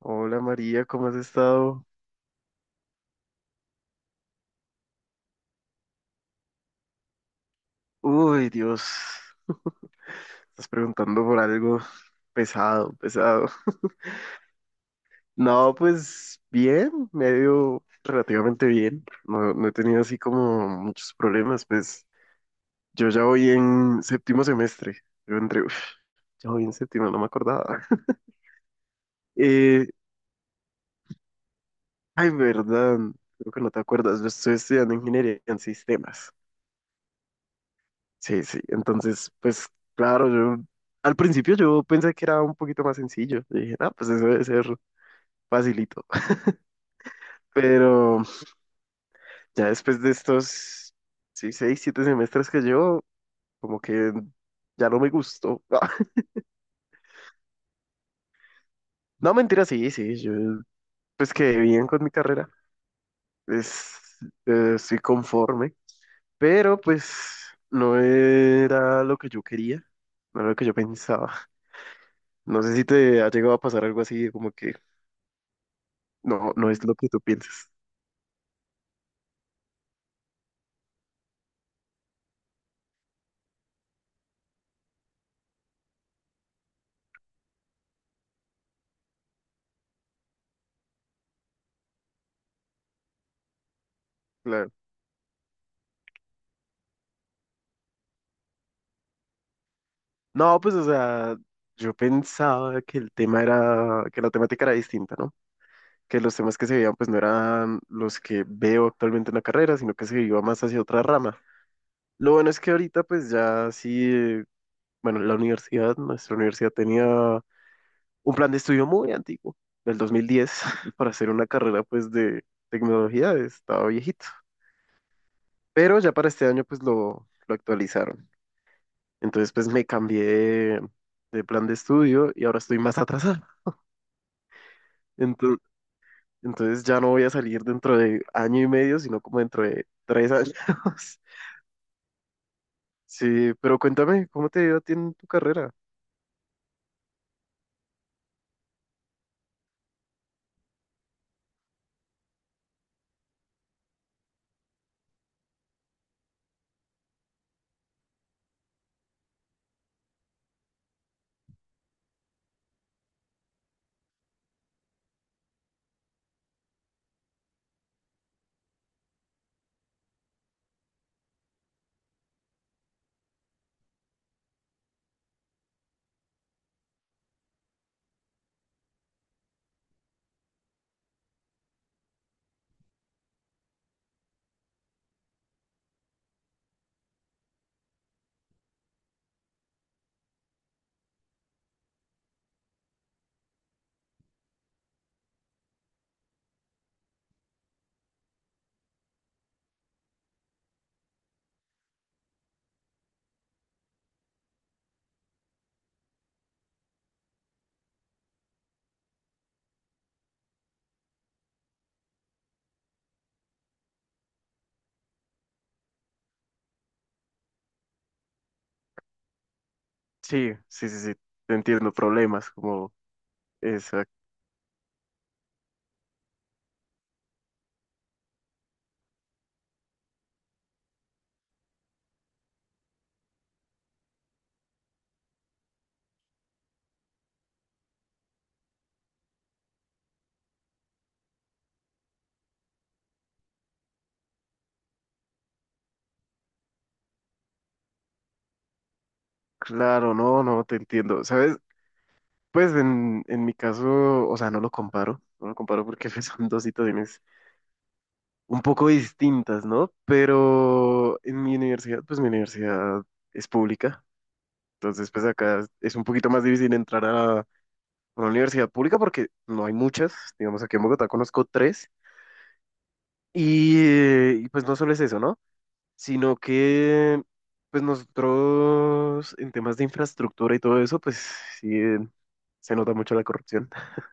Hola María, ¿cómo has estado? Uy, Dios, estás preguntando por algo pesado, pesado. No, pues bien, me ha ido relativamente bien. No, no he tenido así como muchos problemas, pues yo ya voy en séptimo semestre. Yo entré, uf, ya voy en séptimo, no me acordaba. Eh, Ay, verdad, creo que no te acuerdas, yo estoy estudiando ingeniería en sistemas. Sí, sí. Entonces, pues claro, yo al principio yo pensé que era un poquito más sencillo. Yo dije, ah, pues eso debe ser facilito. Pero ya después de estos, sí, seis, siete semestres que llevo, como que ya no me gustó. No, mentira, sí, sí, yo pues quedé bien con mi carrera. Es, Estoy conforme, pero pues no era lo que yo quería, no era lo que yo pensaba. No sé si te ha llegado a pasar algo así, como que no, no es lo que tú piensas. Claro. No, pues, o sea, yo pensaba que el tema era, que la temática era distinta, ¿no? Que los temas que se veían, pues, no eran los que veo actualmente en la carrera, sino que se iba más hacia otra rama. Lo bueno es que ahorita, pues, ya sí, bueno, la universidad, nuestra universidad tenía un plan de estudio muy antiguo, del 2010 para hacer una carrera, pues, de tecnología, estaba viejito. Pero ya para este año, pues, lo actualizaron. Entonces, pues me cambié de plan de estudio y ahora estoy más atrasado. Entonces, entonces ya no voy a salir dentro de año y medio, sino como dentro de 3 años. Sí, pero cuéntame, ¿cómo te ha ido a ti en tu carrera? Sí, sí, sí, sí, te entiendo, problemas como esa. Claro, no, no, te entiendo. ¿Sabes? Pues en mi caso, o sea, no lo comparo, no lo comparo porque son dos situaciones un poco distintas, ¿no? Pero en mi universidad, pues mi universidad es pública. Entonces, pues acá es un poquito más difícil entrar a una universidad pública porque no hay muchas. Digamos, aquí en Bogotá conozco tres. Y, pues no solo es eso, ¿no? Sino que, pues nosotros en temas de infraestructura y todo eso, pues sí, se nota mucho la corrupción.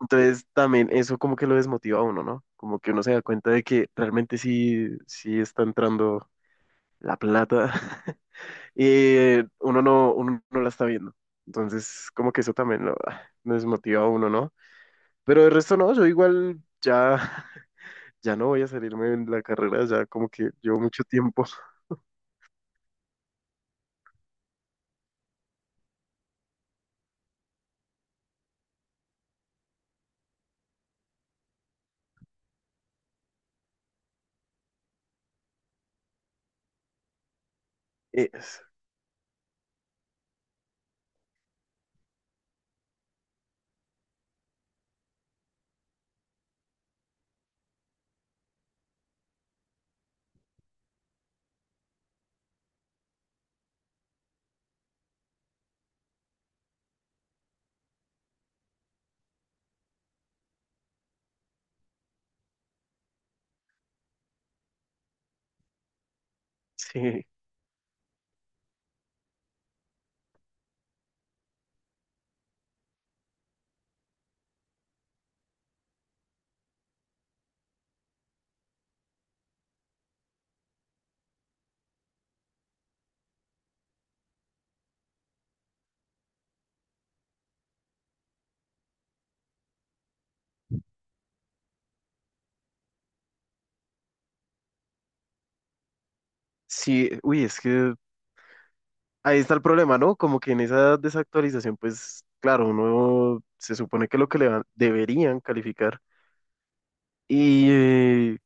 Entonces, también eso como que lo desmotiva a uno, ¿no? Como que uno se da cuenta de que realmente sí, sí está entrando la plata. Y uno no la está viendo. Entonces, como que eso también me desmotiva a uno, ¿no? Pero el resto no, yo igual ya, ya no voy a salirme de la carrera, ya como que llevo mucho tiempo. Es- sí, sí, uy, es que ahí está el problema, ¿no? Como que en esa desactualización, pues claro, uno se supone que lo que le deberían calificar y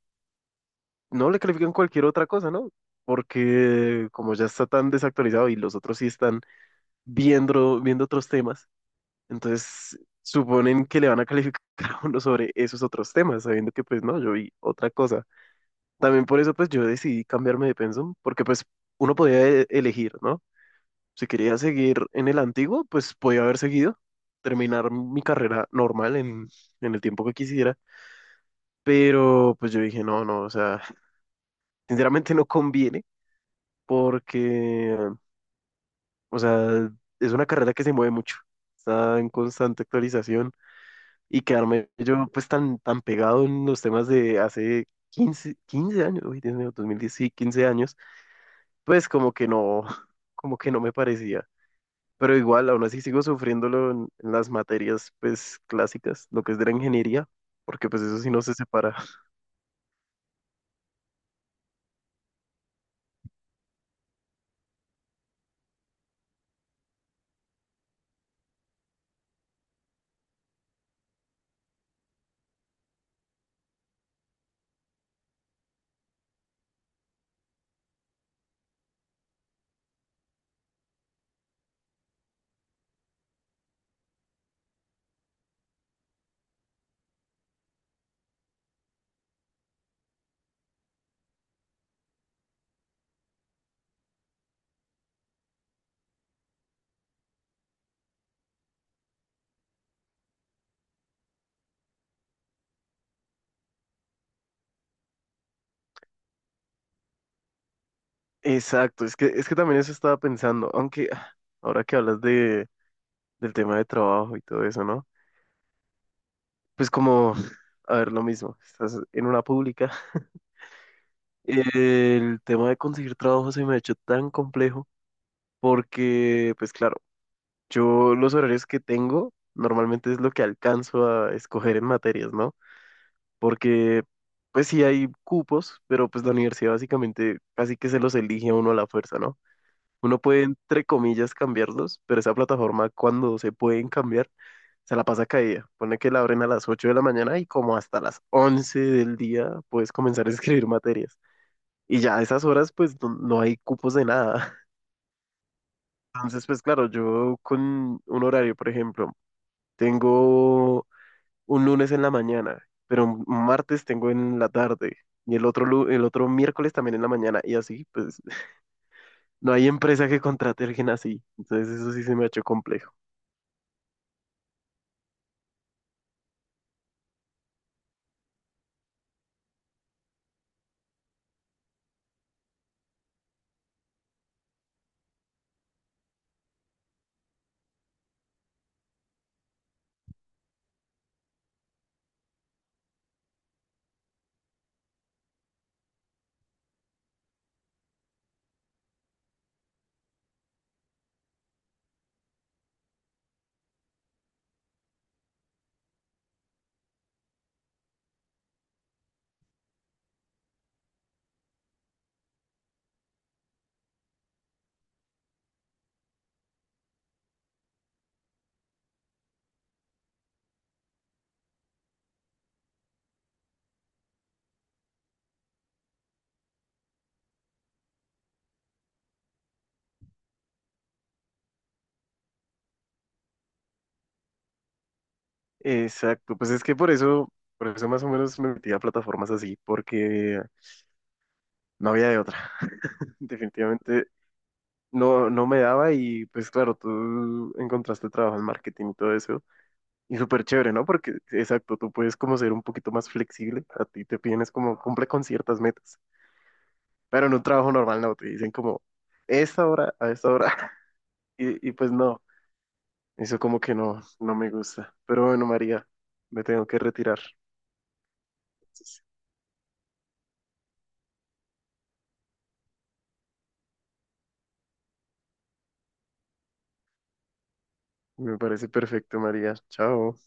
no le califican cualquier otra cosa, ¿no? Porque como ya está tan desactualizado y los otros sí están viendo, viendo otros temas. Entonces, suponen que le van a calificar a uno sobre esos otros temas, sabiendo que pues no, yo vi otra cosa. También por eso pues yo decidí cambiarme de pensum, porque pues uno podía elegir, ¿no? Si quería seguir en el antiguo, pues podía haber seguido, terminar mi carrera normal en el tiempo que quisiera. Pero pues yo dije, no, no, o sea, sinceramente no conviene porque, o sea, es una carrera que se mueve mucho, está en constante actualización. Y quedarme yo pues tan, tan pegado en los temas de hace quince años, uy, Dios mío, 2010, sí, 15 años, pues como que no, como que no me parecía. Pero igual, aún así sigo sufriéndolo en las materias pues clásicas, lo que es de la ingeniería, porque pues eso sí no se separa. Exacto, es que también eso estaba pensando, aunque ah, ahora que hablas del tema de trabajo y todo eso, ¿no? Pues como, a ver, lo mismo, estás en una pública. El tema de conseguir trabajo se me ha hecho tan complejo porque, pues claro, yo los horarios que tengo normalmente es lo que alcanzo a escoger en materias, ¿no? Porque, pues sí hay cupos, pero pues la universidad básicamente casi que se los elige a uno a la fuerza, ¿no? Uno puede, entre comillas, cambiarlos, pero esa plataforma cuando se pueden cambiar, se la pasa caída. Pone que la abren a las 8 de la mañana y como hasta las 11 del día puedes comenzar a escribir materias. Y ya a esas horas, pues no, no hay cupos de nada. Entonces, pues claro, yo con un horario, por ejemplo, tengo un lunes en la mañana, pero un martes tengo en la tarde y el otro miércoles también en la mañana y así, pues no hay empresa que contrate a alguien así. Entonces, eso sí se me ha hecho complejo. Exacto, pues es que por eso más o menos me metí a plataformas así, porque no había de otra. Definitivamente no, no me daba y pues claro, tú encontraste trabajo en marketing y todo eso. Y súper chévere, ¿no? Porque, exacto, tú puedes como ser un poquito más flexible, a ti te piden es como cumple con ciertas metas, pero en un trabajo normal no, te dicen como, esta hora, a esta hora, y pues no, eso como que no, no me gusta. Pero bueno, María, me tengo que retirar. Entonces, me parece perfecto, María. Chao.